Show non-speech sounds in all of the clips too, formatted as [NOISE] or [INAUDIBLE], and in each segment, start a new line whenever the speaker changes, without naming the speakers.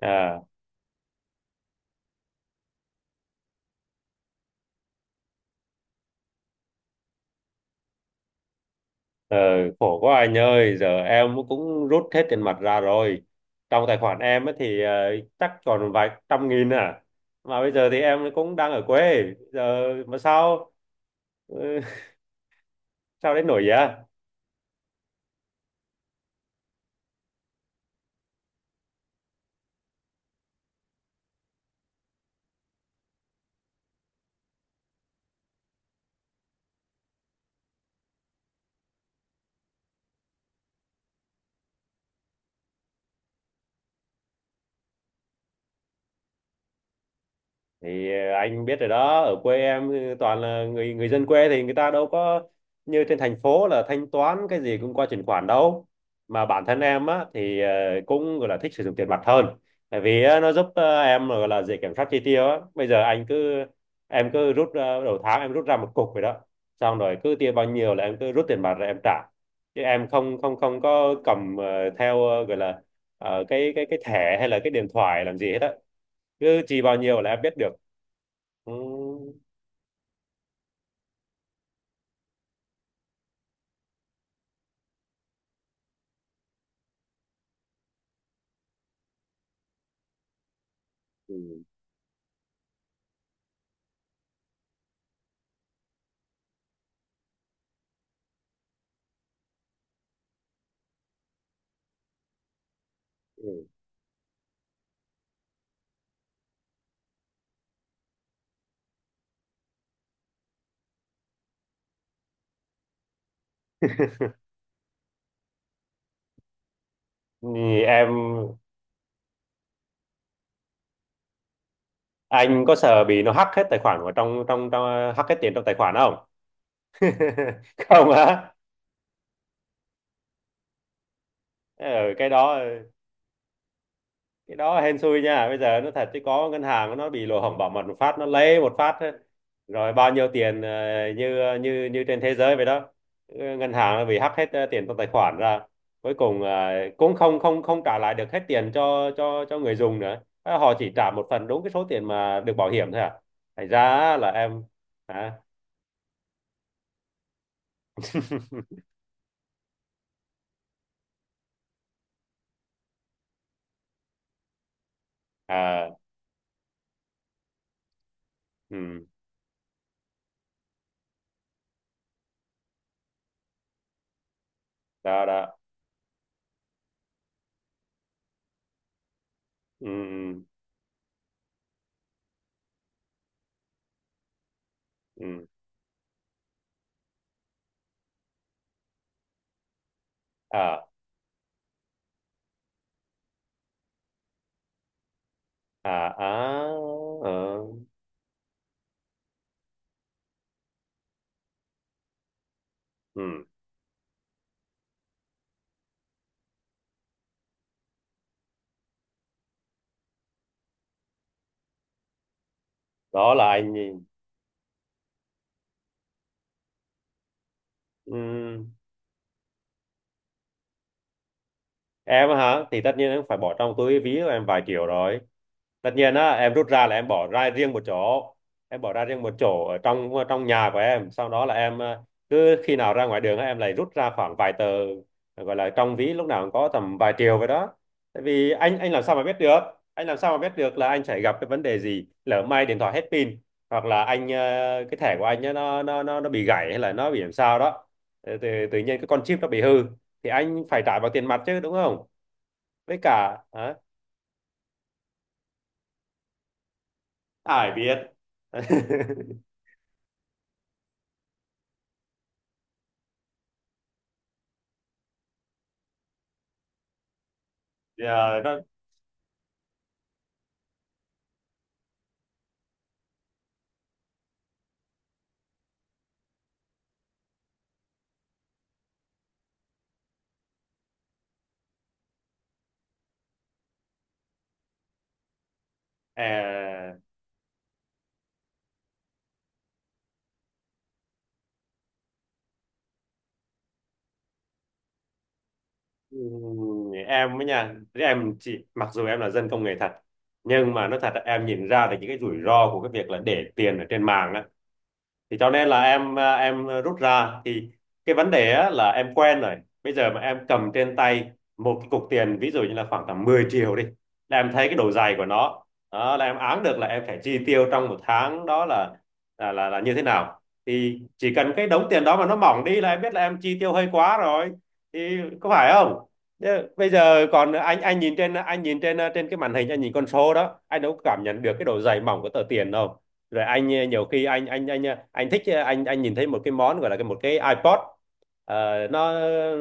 À, ờ, khổ quá anh ơi, giờ em cũng rút hết tiền mặt ra rồi. Trong tài khoản em ấy thì chắc còn vài trăm nghìn à. Mà bây giờ thì em cũng đang ở quê, giờ mà sao [LAUGHS] sao đến nổi vậy? Anh biết rồi đó, ở quê em ừ, toàn là người người dân quê thì người ta đâu có như trên thành phố là thanh toán cái gì cũng qua chuyển khoản đâu. Mà bản thân em á thì cũng gọi là thích sử dụng tiền mặt hơn, tại vì á, nó giúp em gọi là dễ kiểm soát chi tiêu á. Bây giờ anh cứ em cứ rút đầu tháng em rút ra một cục vậy đó, xong rồi cứ tiêu bao nhiêu là em cứ rút tiền mặt rồi em trả, chứ em không không không có cầm theo gọi là cái thẻ hay là cái điện thoại làm gì hết á, cứ chi bao nhiêu là em biết được. Ừ. Ừ. Ừ. Thì em anh có sợ bị nó hack hết tài khoản của trong trong trong hack hết tiền trong tài khoản không? [LAUGHS] Không á. Ờ, cái đó, cái đó hên xui nha, bây giờ nó thật chứ có ngân hàng nó bị lỗ hổng bảo mật một phát nó lấy một phát ấy. Rồi bao nhiêu tiền như như như trên thế giới vậy đó, ngân hàng nó bị hack hết tiền trong tài khoản ra, cuối cùng cũng không không không trả lại được hết tiền cho cho người dùng nữa. Ờ, họ chỉ trả một phần đúng cái số tiền mà được bảo hiểm thôi à, thành ra là em hả à ừ đó đó ừ ừ ừ. À à à ờ, ừ đó là anh ừ em á hả, thì tất nhiên em phải bỏ trong túi ví của em vài triệu rồi, tất nhiên á em rút ra là em bỏ ra riêng một chỗ, em bỏ ra riêng một chỗ ở trong trong nhà của em, sau đó là em cứ khi nào ra ngoài đường á, em lại rút ra khoảng vài tờ, gọi là trong ví lúc nào cũng có tầm vài triệu vậy đó. Tại vì anh làm sao mà biết được, làm sao mà biết được là anh sẽ gặp cái vấn đề gì, lỡ may điện thoại hết pin hoặc là anh cái thẻ của anh á, nó bị gãy hay là nó bị làm sao đó. Ờ, tự nhiên cái con chip nó bị hư thì anh phải trả bằng tiền mặt chứ, đúng không? Với cả hả? Ai biết. [LAUGHS] Giờ nó à, em với nha, em chỉ mặc dù em là dân công nghệ thật, nhưng mà nó thật là em nhìn ra được những cái rủi ro của cái việc là để tiền ở trên mạng á, thì cho nên là em à, em rút ra thì cái vấn đề á, là em quen rồi. Bây giờ mà em cầm trên tay một cái cục tiền, ví dụ như là khoảng tầm 10 triệu đi, là em thấy cái độ dày của nó. Đó, là em áng được là em phải chi tiêu trong một tháng đó là là như thế nào, thì chỉ cần cái đống tiền đó mà nó mỏng đi là em biết là em chi tiêu hơi quá rồi, thì có phải không. Thế bây giờ còn anh nhìn trên nhìn trên à, trên cái màn hình anh nhìn con số đó, anh đâu có cảm nhận được cái độ dày mỏng của tờ tiền đâu. Rồi anh nhiều khi anh thích anh nhìn thấy một cái món gọi là cái một cái iPod. Ờ, nó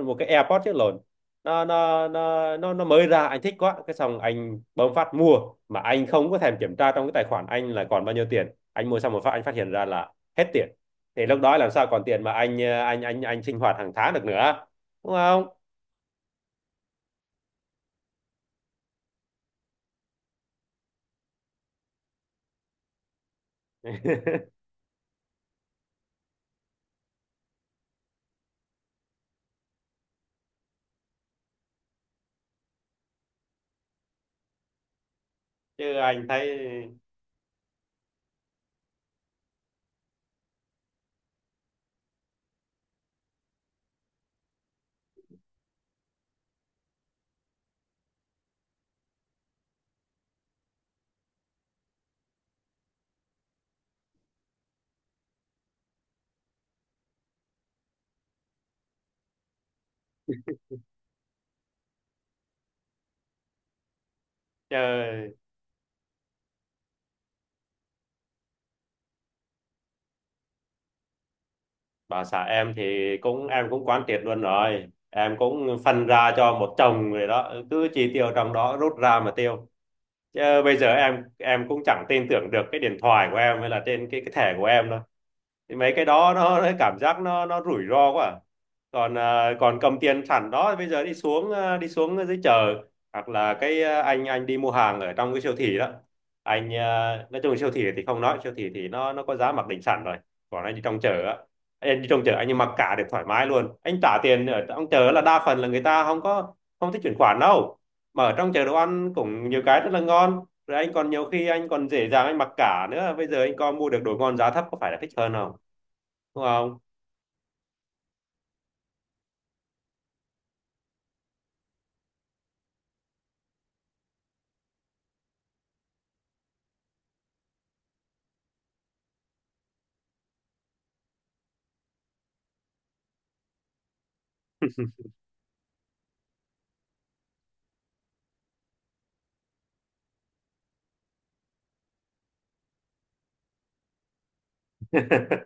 một cái AirPod chứ, lộn, nó mới ra anh thích quá, cái xong anh bấm phát mua mà anh không có thèm kiểm tra trong cái tài khoản anh là còn bao nhiêu tiền. Anh mua xong một phát anh phát hiện ra là hết tiền, thì lúc đó làm sao còn tiền mà anh anh sinh hoạt hàng tháng được nữa, đúng không? Chứ anh thấy trời. Bà xã em thì cũng em cũng quán triệt luôn rồi, em cũng phân ra cho một chồng, người đó cứ chi tiêu trong đó, rút ra mà tiêu. Chứ bây giờ em cũng chẳng tin tưởng được cái điện thoại của em hay là trên cái thẻ của em đâu, thì mấy cái đó nó cảm giác nó rủi ro quá à. Còn à, còn cầm tiền sẵn đó, bây giờ đi xuống à, đi xuống dưới chợ hoặc là cái à, anh đi mua hàng ở trong cái siêu thị đó, anh à, nói chung siêu thị thì không nói, siêu thị thì nó có giá mặc định sẵn rồi. Còn anh đi trong chợ á, anh đi trong chợ anh mặc cả được thoải mái luôn, anh trả tiền ở trong chợ là đa phần là người ta không có, không thích chuyển khoản đâu. Mà ở trong chợ đồ ăn cũng nhiều cái rất là ngon, rồi anh còn nhiều khi anh còn dễ dàng anh mặc cả nữa, bây giờ anh có mua được đồ ngon giá thấp có phải là thích hơn không, đúng không? [LAUGHS]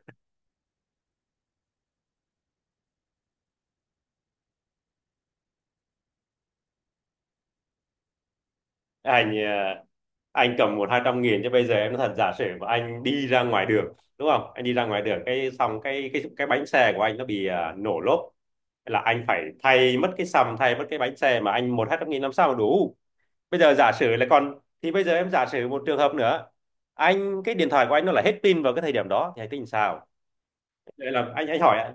Anh anh cầm một hai trăm nghìn chứ bây giờ em nói thật, giả sử mà anh đi ra ngoài đường đúng không, anh đi ra ngoài đường cái xong cái bánh xe của anh nó bị à, nổ lốp là anh phải thay mất cái sầm, thay mất cái bánh xe mà anh một hai trăm nghìn làm sao mà đủ. Bây giờ giả sử là còn thì bây giờ em giả sử một trường hợp nữa, anh cái điện thoại của anh nó là hết pin vào cái thời điểm đó thì anh tính sao? Đấy là anh hỏi.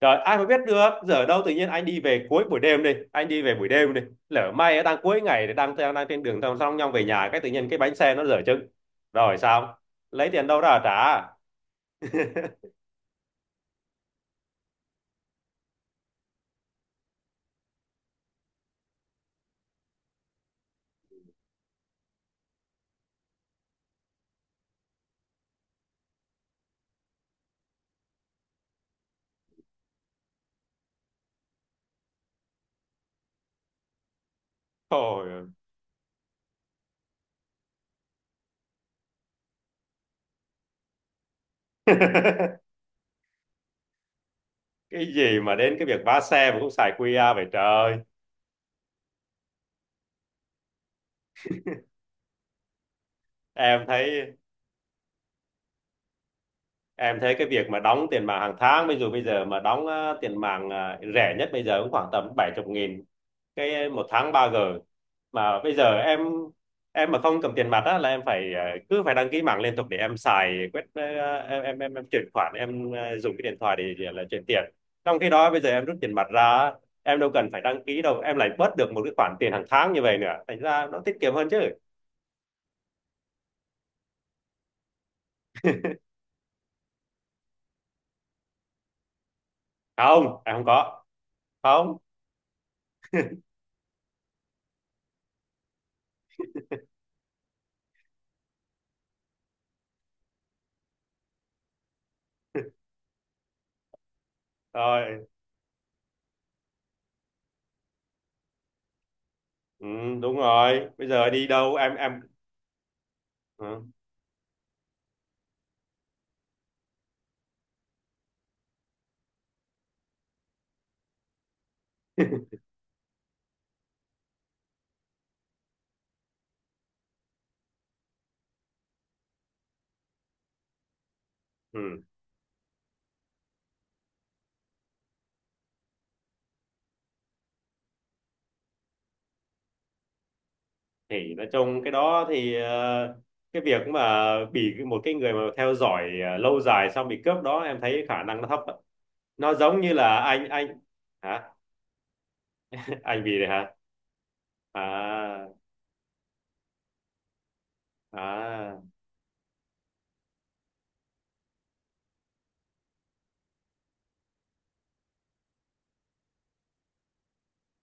Rồi ai mà biết được giờ đâu, tự nhiên anh đi về cuối buổi đêm đi, anh đi về buổi đêm đi, lỡ may đang cuối ngày thì đang đang đang trên đường, xong xong nhau về nhà cái tự nhiên cái bánh xe nó dở chừng, rồi sao, lấy tiền đâu ra trả? [LAUGHS] Thôi. [LAUGHS] Cái gì mà đến cái việc vá xe mà cũng xài QR vậy trời. em thấy em thấy cái việc mà đóng tiền mạng hàng tháng, bây giờ mà đóng tiền mạng rẻ nhất bây giờ cũng khoảng tầm 70 nghìn cái một tháng ba g. Mà bây giờ em mà không cầm tiền mặt á là em phải cứ phải đăng ký mạng liên tục để em xài quét em chuyển khoản em dùng cái điện thoại để là chuyển tiền. Trong khi đó bây giờ em rút tiền mặt ra á, em đâu cần phải đăng ký đâu, em lại bớt được một cái khoản tiền hàng tháng như vậy nữa, thành ra nó tiết kiệm hơn chứ. Không em không có. Không. Rồi ừ, đúng rồi, bây giờ đi đâu em ừ. Ừ. Thì nói chung cái đó thì cái việc mà bị một cái người mà theo dõi lâu dài xong bị cướp đó, em thấy khả năng nó thấp ạ. Nó giống như là anh hả. [LAUGHS] Anh vì đấy hả. À à.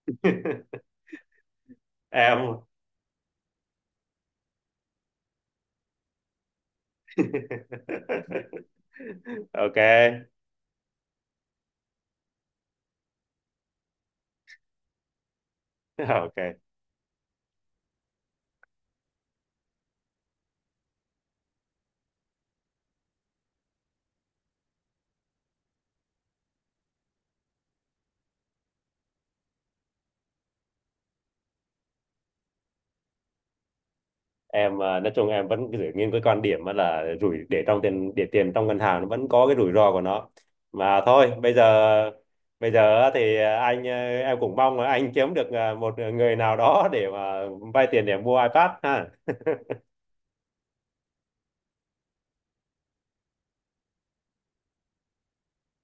[LAUGHS] Em. [LAUGHS] Ok. [LAUGHS] Ok. Em à, nói chung em vẫn giữ nguyên cái quan điểm là rủi để trong tiền để tiền trong ngân hàng nó vẫn có cái rủi ro của nó mà thôi. Bây giờ bây giờ thì anh à, em cũng mong là anh kiếm được à, một người nào đó để mà vay tiền để mua iPad ha.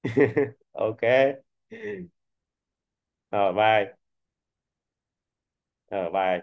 [LAUGHS] Ok. Ở bye. Ở bye.